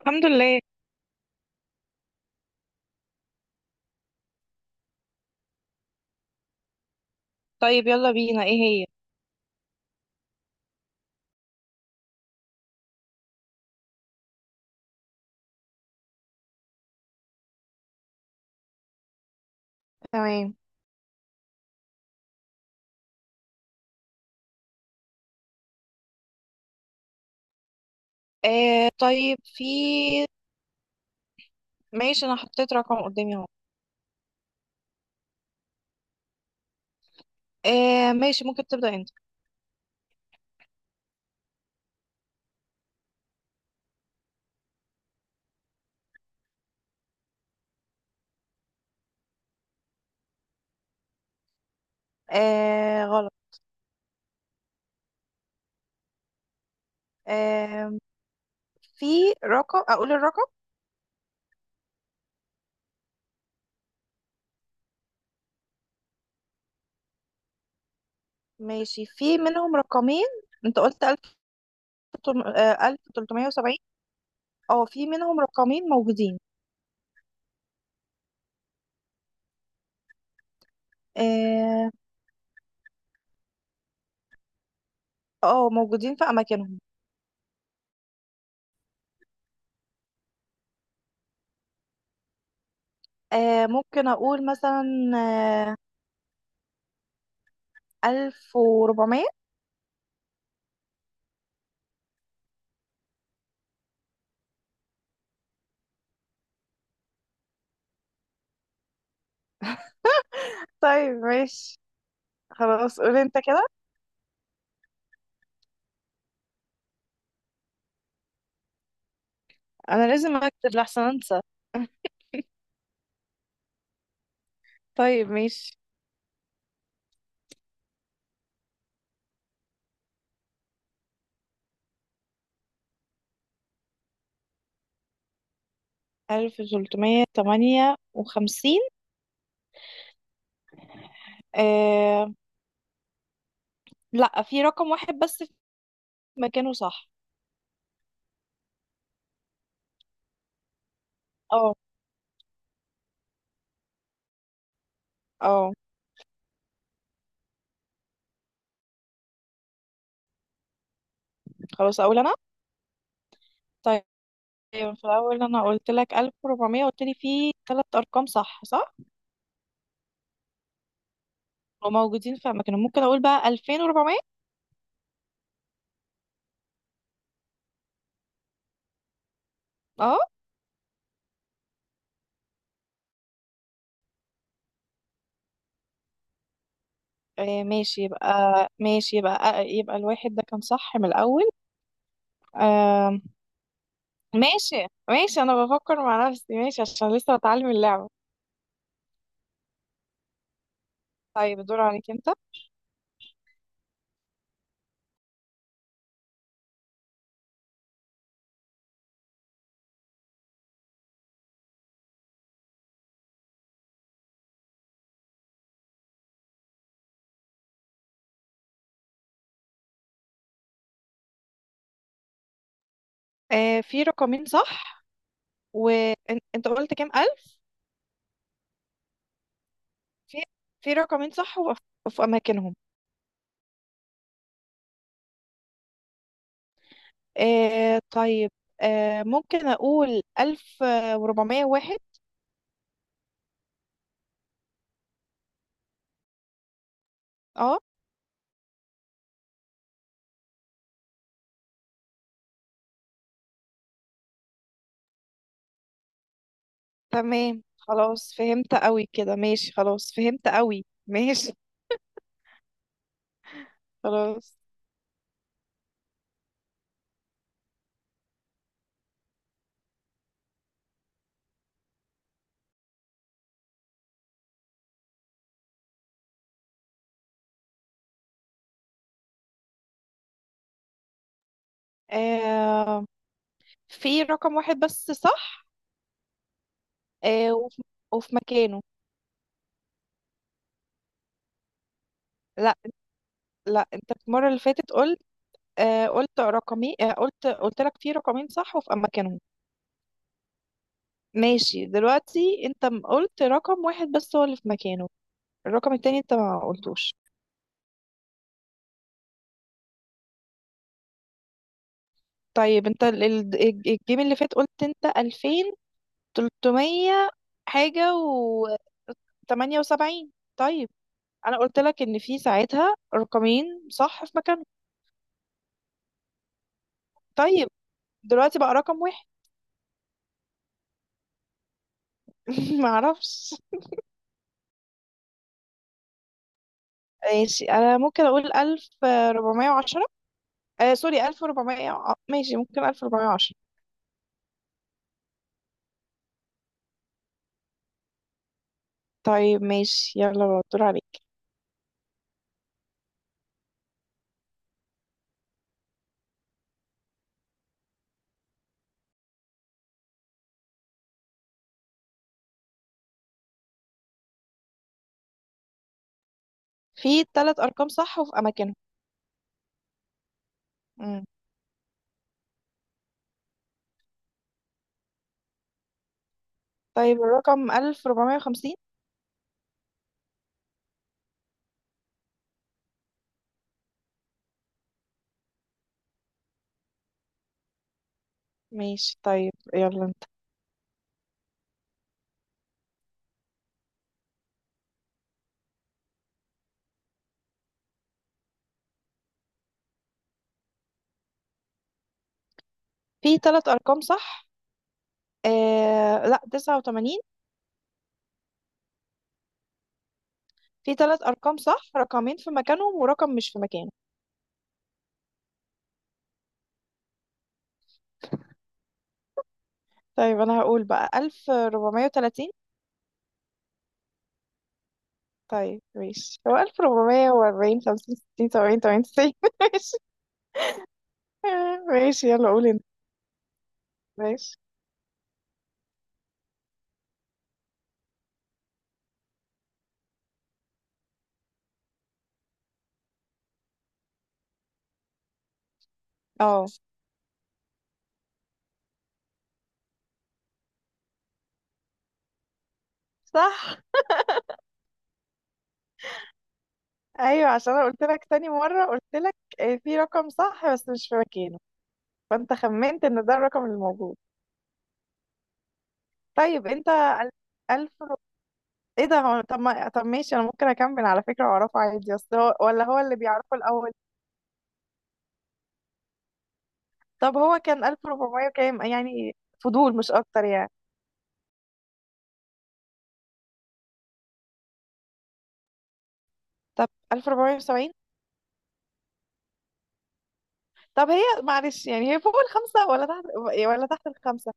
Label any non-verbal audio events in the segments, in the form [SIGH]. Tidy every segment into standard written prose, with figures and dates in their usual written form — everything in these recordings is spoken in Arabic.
الحمد لله. طيب، يلا بينا. ايه هي؟ تمام. آه، طيب. في؟ ماشي، انا حطيت رقم قدامي اهو. آه، ماشي، ممكن تبدأ انت. آه، غلط. آه، في. رقم اقول الرقم؟ ماشي، في منهم رقمين. انت قلت 1370، اه، 1370. اه، في منهم رقمين موجودين. اه. آه، موجودين في اماكنهم. آه، ممكن اقول مثلا، آه، 1400. طيب، ماشي، خلاص قول انت كده. انا لازم اكتب لحسن انسى. [LAUGHS] طيب، ماشي. 1358. آه... لا، في رقم واحد بس في مكانه صح. اه، اه. خلاص اقول انا. طيب، في الاول انا قلت لك 1400، قلت لي في ثلاث ارقام صح، صح وموجودين في اماكنهم. ممكن اقول بقى 2400. اه. آه، ماشي يبقى، ماشي يبقى، آه، يبقى الواحد ده كان صح من الاول. آه... ماشي، ماشي، انا بفكر مع نفسي، ماشي، عشان لسه بتعلم اللعبة. طيب، الدور عليك انت. آه، في رقمين صح. وانت قلت كام ألف؟ في في رقمين صح، وفي، في أماكنهم. آه، طيب. آه، ممكن أقول 1401. اه، تمام، خلاص فهمت قوي كده، ماشي، خلاص فهمت قوي. [LAUGHS] ماشي. خلاص. آه، في رقم واحد بس صح. آه، وفي مكانه. لا، لا، انت المرة اللي فاتت قلت، آه، قلت رقمي، آه، قلت لك في رقمين صح وفي أماكنهم. ماشي، دلوقتي انت قلت رقم واحد بس هو اللي في مكانه. الرقم التاني انت ما قلتوش. طيب، انت الجيم اللي فات، قلت انت ألفين تلتمية حاجة وتمانية وسبعين. طيب، انا قلت لك ان في ساعتها رقمين صح في مكانهم. طيب، دلوقتي بقى رقم واحد. [LAUGHS] معرفش. ماشي، انا ممكن اقول 1410، آه سوري، 1400، ماشي ممكن 1410. طيب، ماشي، يلا بقى، الدور عليك. في تلات أرقام صح وفي أماكنهم. مم. طيب، الرقم 1450. ماشي، طيب، يلا انت. في ثلاث أرقام صح. لا، 89. في ثلاث أرقام صح، رقمين في مكانهم ورقم مش في مكانه. طيب، أنا هقول بقى 1430. طيب، ماشي، هو 1440، 50، 60، 70، 80، 90. [LAUGHS] ماشي. ماشي، يلا قول انت. ماشي، اه، صح، ايوه، عشان انا قلت لك تاني مرة، قلت لك، آه، في رقم صح بس مش في مكانه. فانت خمنت ان ده الرقم الموجود. طيب، انت ألف ايه ده هو، طب ما طب، ماشي، انا ممكن اكمل على فكرة واعرفه عادي، اصل هو ولا هو اللي بيعرفه الاول؟ طب هو كان 1400 وكام؟ يعني فضول مش اكتر يعني. طب، 1470. طب، هي معلش يعني، هي فوق الخمسة ولا تحت، ولا تحت الخمسة؟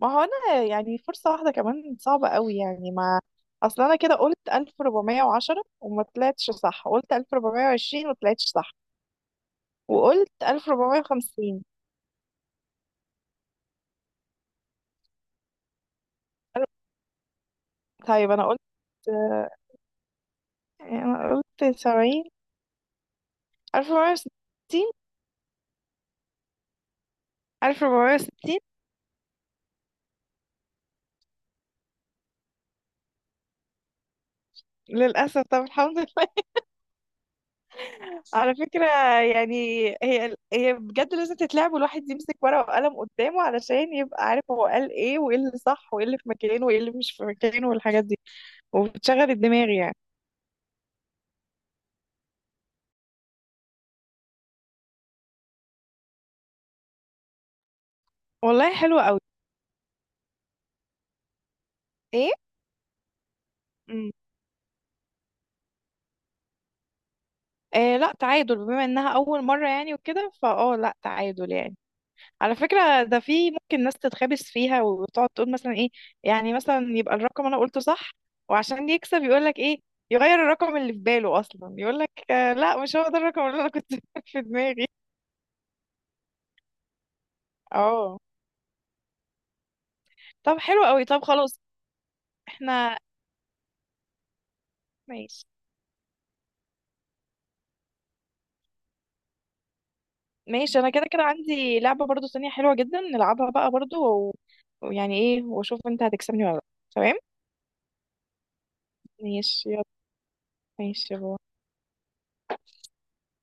ما هو انا يعني فرصة واحدة كمان صعبة قوي يعني، ما اصل انا كده قلت 1410 وما طلعتش صح، قلت 1420 وما طلعتش صح، وقلت 1450. طيب، انا قلت سبعين، 1460. 1460. للأسف. طب، الحمد لله. [LAUGHS] على فكرة، يعني، هي هي بجد لازم تتلعب، والواحد يمسك ورقة وقلم قدامه علشان يبقى عارف هو قال ايه، وايه اللي صح، وايه اللي في مكانه، وايه اللي مش في مكانه، والحاجات دي. وبتشغل الدماغ يعني. والله، حلوة قوي. ايه؟ مم. آه، لا، تعادل، بما انها أول مرة يعني وكده، فاه، لا تعادل يعني. على فكرة، ده في ممكن ناس تتخابس فيها وتقعد تقول مثلا ايه، يعني مثلا يبقى الرقم انا قلته صح، وعشان يكسب يقول لك ايه، يغير الرقم اللي في باله اصلا، يقول لك آه لا، مش هو ده الرقم اللي انا كنت [LAUGHS] في دماغي. اه، طب، حلو قوي، طب، خلاص. احنا. ماشي. ماشي، انا كده كده عندي لعبة برضو تانية حلوة جدا نلعبها بقى برضو، ويعني ايه، واشوف انت هتكسبني ولا لا. تمام. ماشي، يلا. ماشي، يلا.